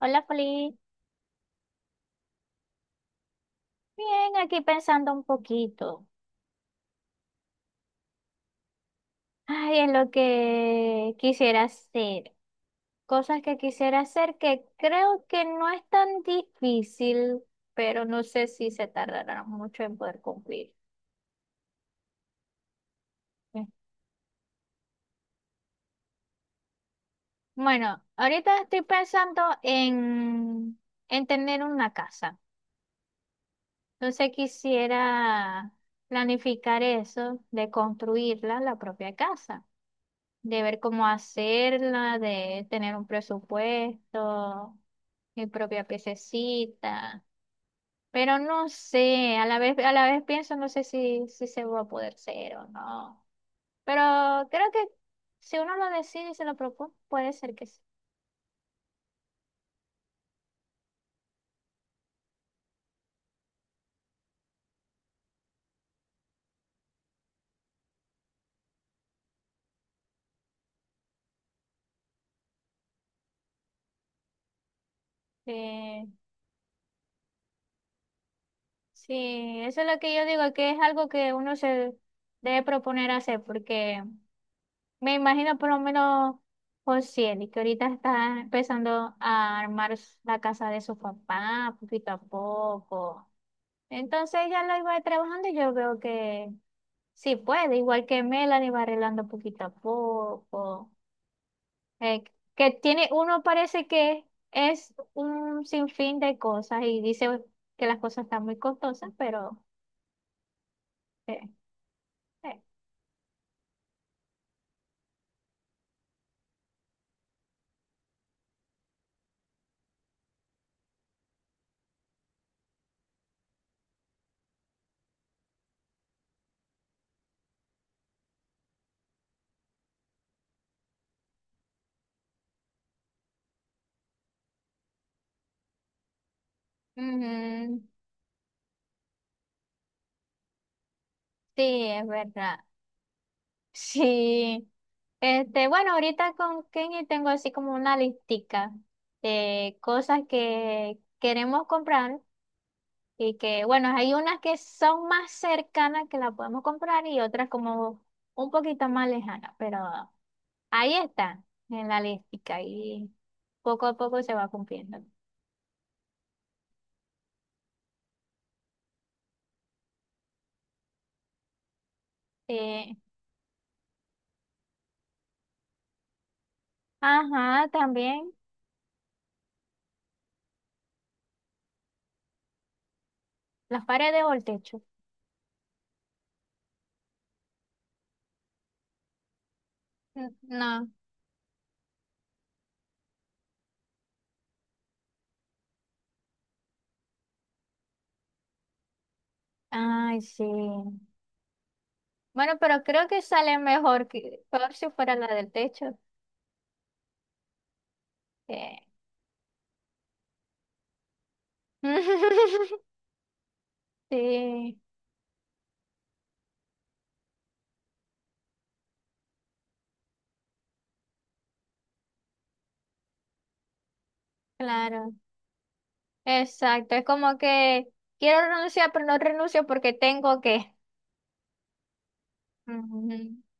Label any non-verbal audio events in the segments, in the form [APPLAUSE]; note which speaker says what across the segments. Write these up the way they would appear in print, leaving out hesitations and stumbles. Speaker 1: Hola, Poli. Bien, aquí pensando un poquito. Ay, en lo que quisiera hacer. Cosas que quisiera hacer que creo que no es tan difícil, pero no sé si se tardará mucho en poder cumplir. Eh, Bueno, ahorita estoy pensando en tener una casa. Entonces quisiera planificar eso de construirla, la propia casa, de ver cómo hacerla, de tener un presupuesto, mi propia piececita. Pero no sé, a la vez pienso, no sé si se va a poder ser o no. Pero creo que si uno lo decide y se lo propone, puede ser que sí. Eh, sí, eso es lo que yo digo, que es algo que uno se debe proponer hacer, porque me imagino por lo menos Josiel, que ahorita está empezando a armar la casa de su papá poquito a poco. Entonces ella lo iba trabajando y yo veo que sí puede, igual que Melanie va arreglando poquito a poco. Eh, que tiene, uno parece que es un sinfín de cosas y dice que las cosas están muy costosas, pero eh, eh, ujú, sí, es verdad. [LAUGHS] Sí. Este, bueno, ahorita con Kenny tengo así como una listica de cosas que queremos comprar y que, bueno, hay unas que son más cercanas que las podemos comprar y otras como un poquito más lejanas, pero ahí está en la listica y poco a poco se va cumpliendo. Eh, ajá, también las paredes o el techo. No, ay, sí. Bueno, pero creo que sale mejor que peor si fuera la del techo. [LAUGHS] Sí, claro, exacto. Es como que quiero renunciar, pero no renuncio porque tengo que. Ujú. [LAUGHS]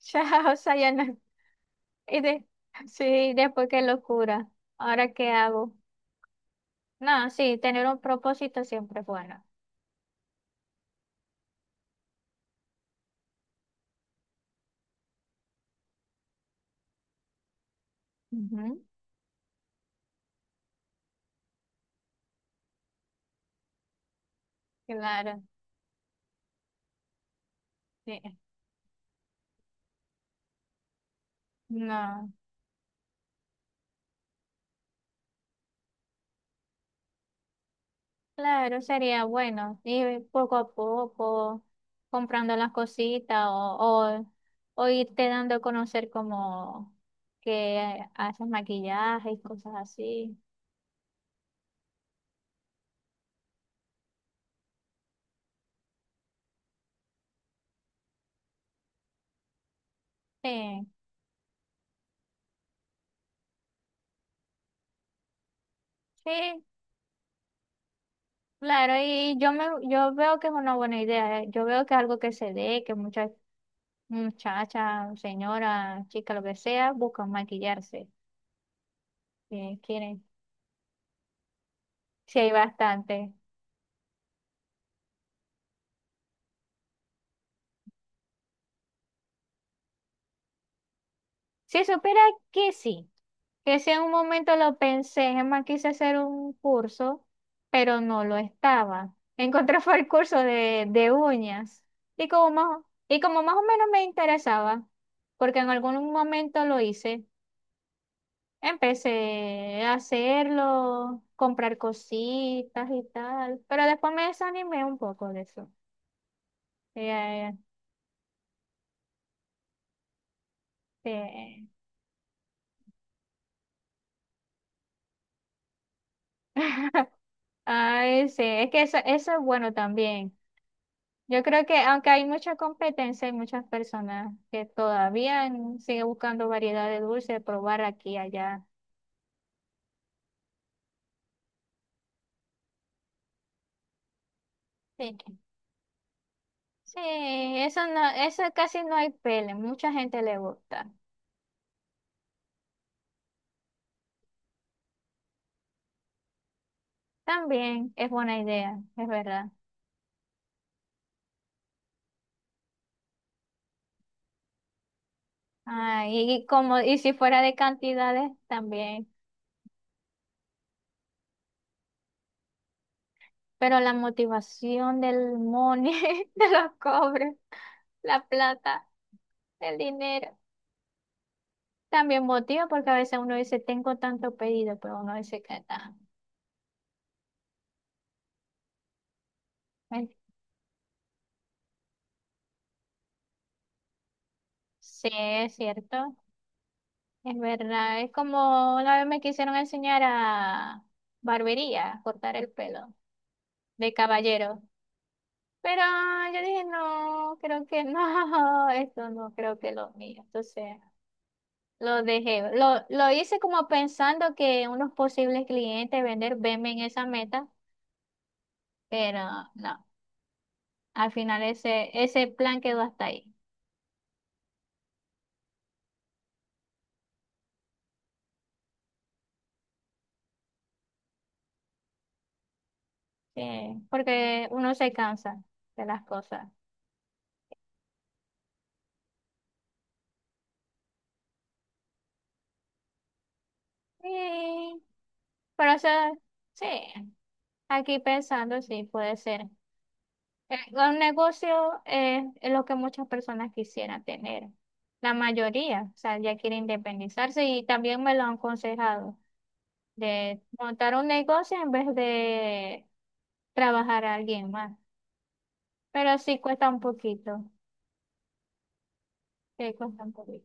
Speaker 1: Chao, Sayana. Y de, sí, después qué locura. ¿Ahora qué hago? No, sí, tener un propósito siempre es bueno. Ujú. Claro, sí. No. Claro, sería bueno ir poco a poco comprando las cositas o, o irte dando a conocer como que haces maquillaje y cosas así. Sí, sí, claro, y yo veo que es una buena idea, eh. Yo veo que es algo que se dé, que muchas muchachas, señoras, chicas, lo que sea, buscan maquillarse, eh, quieren, sí hay bastante. Si supiera que sí. Que si en un momento lo pensé, es más, quise hacer un curso, pero no lo estaba. [LAUGHS] Encontré fue el curso de uñas. Y como más o menos me interesaba, porque en algún momento lo hice, empecé a hacerlo, comprar cositas y tal, pero después me desanimé un poco de eso. Eh, este, [LAUGHS] Ay, sí, es que eso es bueno también. Yo creo que aunque hay mucha competencia, hay muchas personas que todavía siguen buscando variedad de dulce, probar aquí y allá. Sí, sí, eso no, eso casi no hay pele, mucha gente le gusta. También es buena idea, es verdad. Y como, y si fuera de cantidades, también. Pero la motivación del money, [LAUGHS] de los cobres, la plata, el dinero, también motiva porque a veces uno dice, tengo tanto pedido, pero uno dice que está. Sí, es cierto, es verdad. Es como una vez me quisieron enseñar a barbería, a cortar el pelo de caballero. Pero yo dije, no, creo que no, [LAUGHS] esto no creo que lo mío. Entonces lo dejé. Lo hice como pensando que unos posibles clientes vender venme en esa meta, pero no. Al final ese plan quedó hasta ahí. Porque uno se cansa de las cosas. Sí, pero eso, sí. Aquí pensando, sí, puede ser. Un negocio es lo que muchas personas quisieran tener. La mayoría, o sea, ya quiere independizarse y también me lo han aconsejado de montar un negocio en vez de trabajar a alguien más. Pero sí cuesta un poquito. Sí, cuesta un poquito.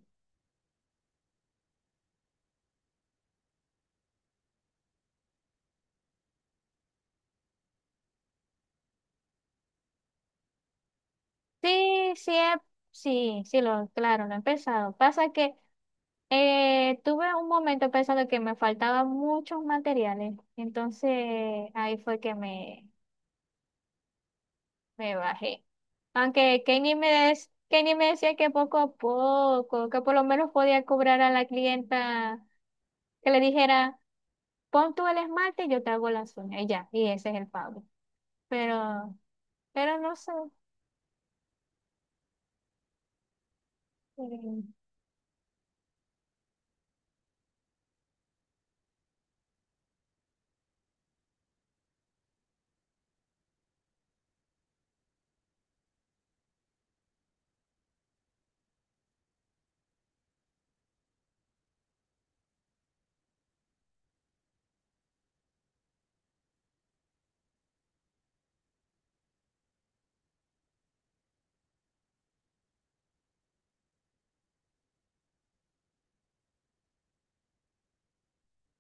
Speaker 1: Sí, sí, he- sí, sí, claro, lo he empezado. Pasa que tuve un momento pensando que me faltaban muchos materiales, entonces ahí fue que me bajé. Aunque Kenny me decía que poco a poco, que por lo menos podía cobrar a la clienta que le dijera, pon tú el esmalte y yo te hago las uñas, y ya, y ese es el pago. Pero, pero no sé, eh,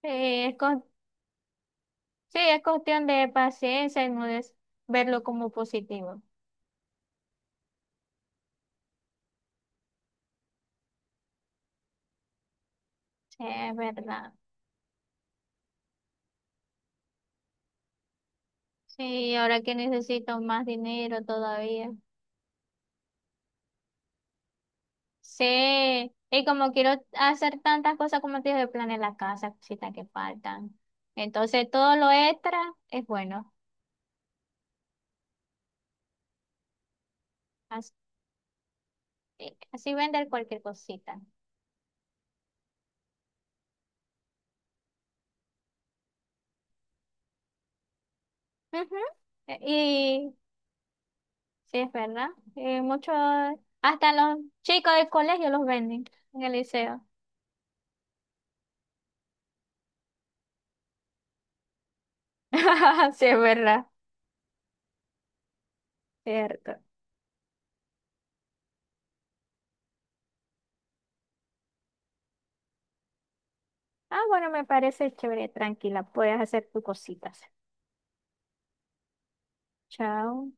Speaker 1: eh, es cues- sí, es cuestión de paciencia y no es verlo como positivo. Sí, es verdad. Sí, ahora que necesito más dinero todavía. Sí, y como quiero hacer tantas cosas como te dije, de plan la casa, cositas que faltan. Entonces todo lo extra es bueno. Así, así vender cualquier cosita. Ujú. Y sí, es verdad. Y muchos, hasta los chicos del colegio los venden en el liceo. [LAUGHS] Sí, es verdad. Cierto. Ah, bueno, me parece chévere, tranquila. Puedes hacer tus cositas. Chao.